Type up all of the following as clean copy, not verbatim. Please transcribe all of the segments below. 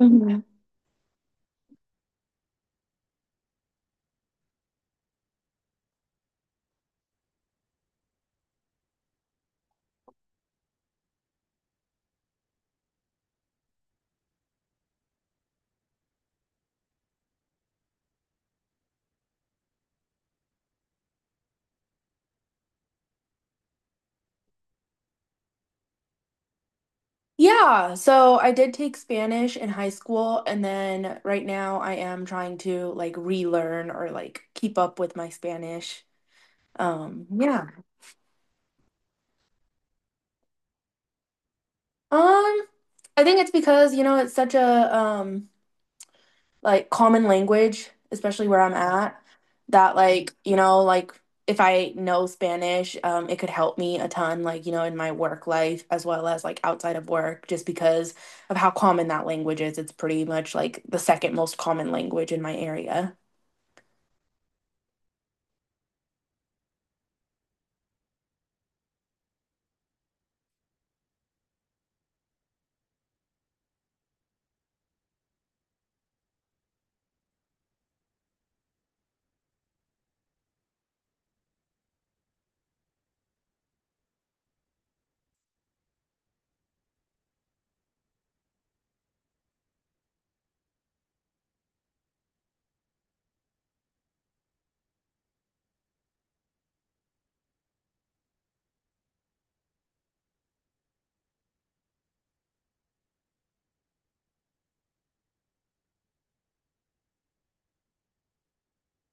Mhm. Yeah, so I did take Spanish in high school, and then right now I am trying to like relearn or like keep up with my Spanish. Yeah. Um, I think it's because, you know, it's such a like common language, especially where I'm at, that like, you know, like if I know Spanish, it could help me a ton, like, you know, in my work life as well as like outside of work, just because of how common that language is. It's pretty much like the second most common language in my area.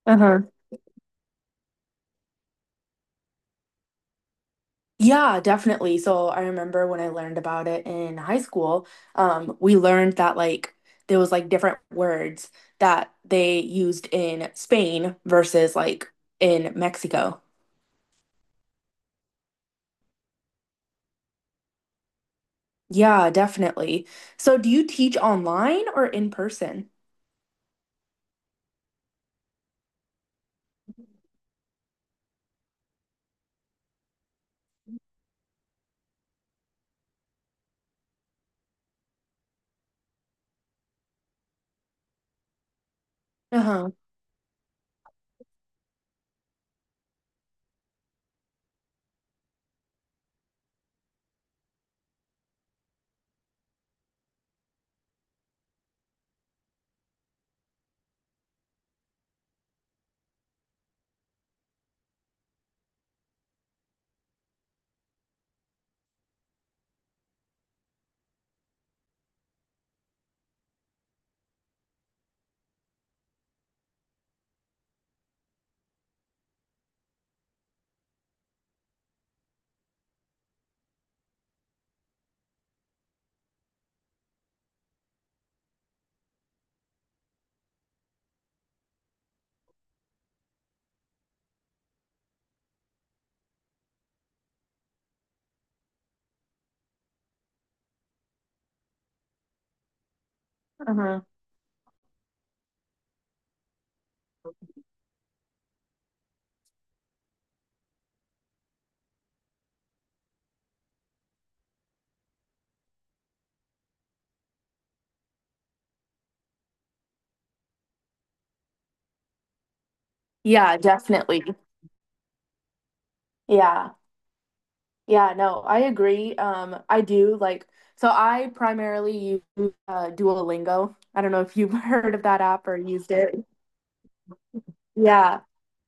Uh-huh. Yeah, definitely. So I remember when I learned about it in high school, we learned that like there was like different words that they used in Spain versus like in Mexico. Yeah, definitely. So do you teach online or in person? Uh-huh. Uh-huh. Yeah, definitely. Yeah. Yeah, no, I agree. I do like, so I primarily use Duolingo. I don't know if you've heard of that app or used it. Yeah.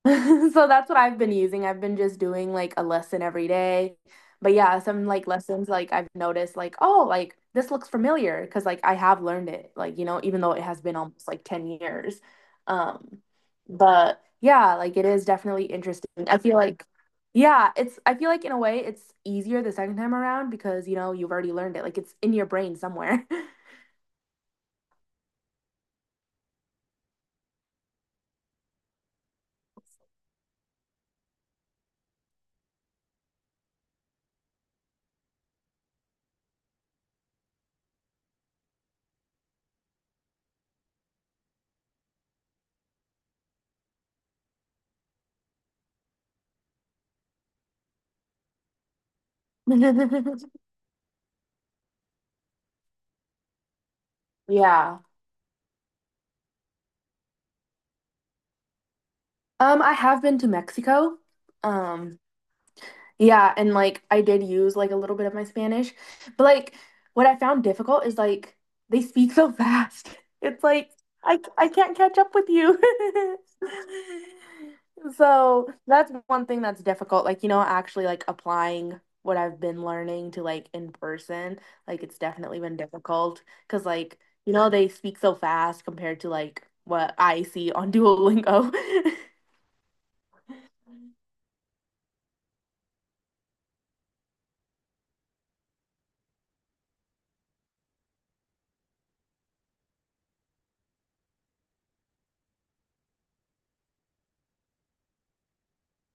So that's what I've been using. I've been just doing like a lesson every day. But yeah, some like lessons like I've noticed like, oh, like this looks familiar because like I have learned it, like, you know, even though it has been almost like 10 years. Um, but yeah, like it is definitely interesting. I feel like, yeah, it's I feel like in a way it's easier the second time around because, you know, you've already learned it. Like it's in your brain somewhere. Yeah. I have been to Mexico. Um, Yeah, and like I did use like a little bit of my Spanish, but like what I found difficult is like they speak so fast. It's like I can't catch up with you. So that's one thing that's difficult. Like, you know, actually like applying what I've been learning to like in person, like it's definitely been difficult because like, you know, they speak so fast compared to like what I see on Duolingo.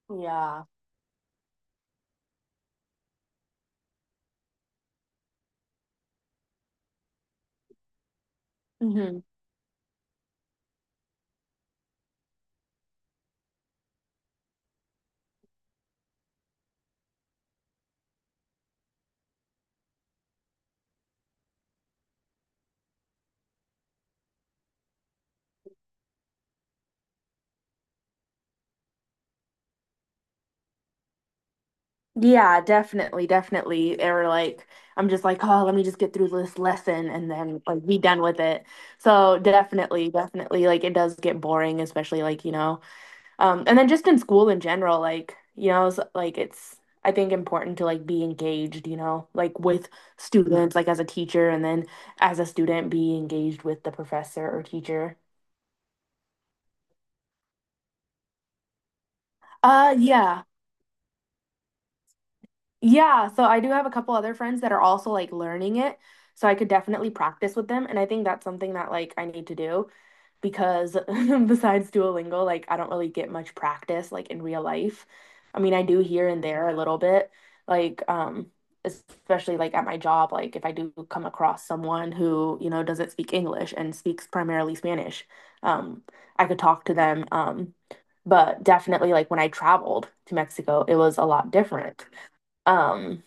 Yeah. Mhm. Yeah, definitely, definitely. They were like, I'm just like, oh, let me just get through this lesson and then like be done with it. So definitely, definitely, like it does get boring, especially like, you know, and then just in school in general, like, you know, like it's I think important to like be engaged, you know, like with students, like as a teacher, and then as a student, be engaged with the professor or teacher. Yeah. Yeah, so I do have a couple other friends that are also like learning it, so I could definitely practice with them, and I think that's something that like I need to do because besides Duolingo, like I don't really get much practice like in real life. I mean, I do here and there a little bit, like especially like at my job, like if I do come across someone who, you know, doesn't speak English and speaks primarily Spanish, um I could talk to them but definitely like when I traveled to Mexico, it was a lot different. Um,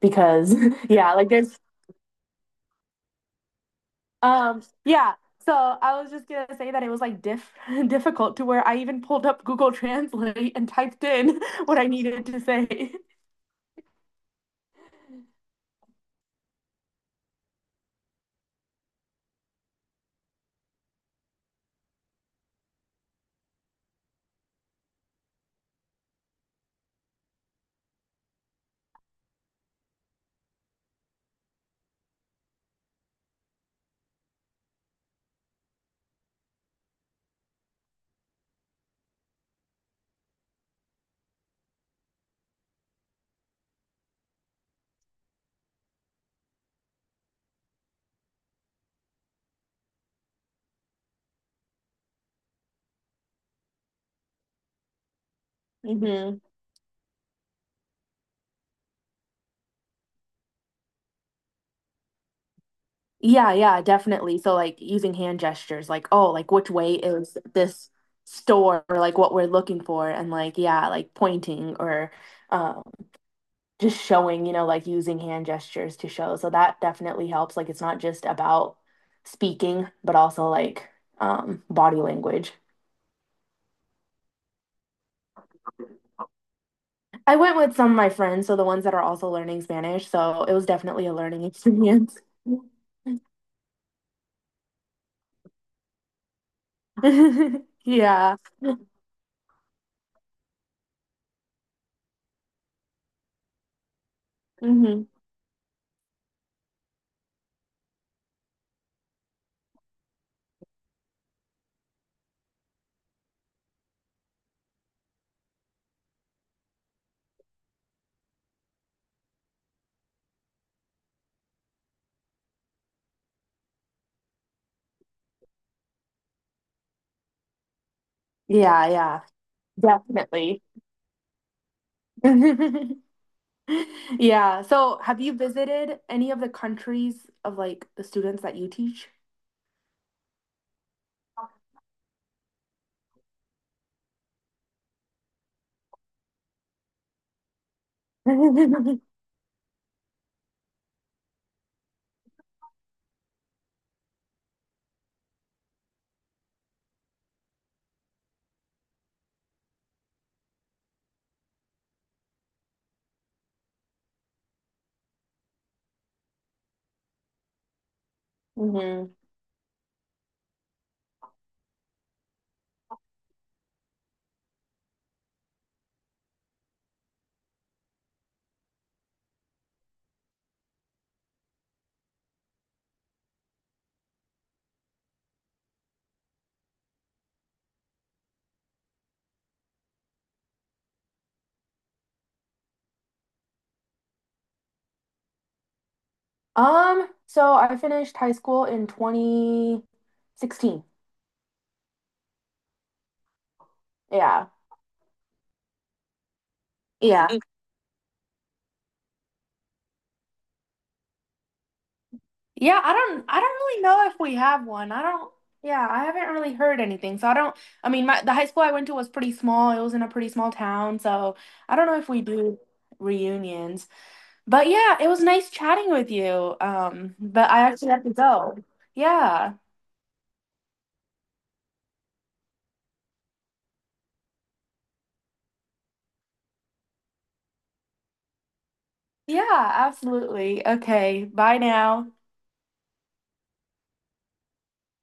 because yeah, like there's yeah. So I was just gonna say that it was like diff difficult to where I even pulled up Google Translate and typed in what I needed to say. Hmm. Yeah, yeah, definitely. So like using hand gestures, like, oh, like which way is this store or like what we're looking for and like yeah, like pointing or um just showing, you know, like using hand gestures to show. So that definitely helps. Like it's not just about speaking, but also like body language. I went with some of my friends, so the ones that are also learning Spanish, so it was definitely a learning experience. Yeah. Hmm. Yeah, yeah. Definitely. Yeah. So have you visited any of the countries of like the students that you teach? Hmm. So I finished high school in 2016. Yeah. Yeah. Mm. Yeah, I don't really know if we have one. I don't Yeah, I haven't really heard anything. So I don't I mean my the high school I went to was pretty small. It was in a pretty small town, so I don't know if we do reunions. But yeah, it was nice chatting with you. But I actually have to go. Yeah. Yeah, absolutely. Okay, bye now.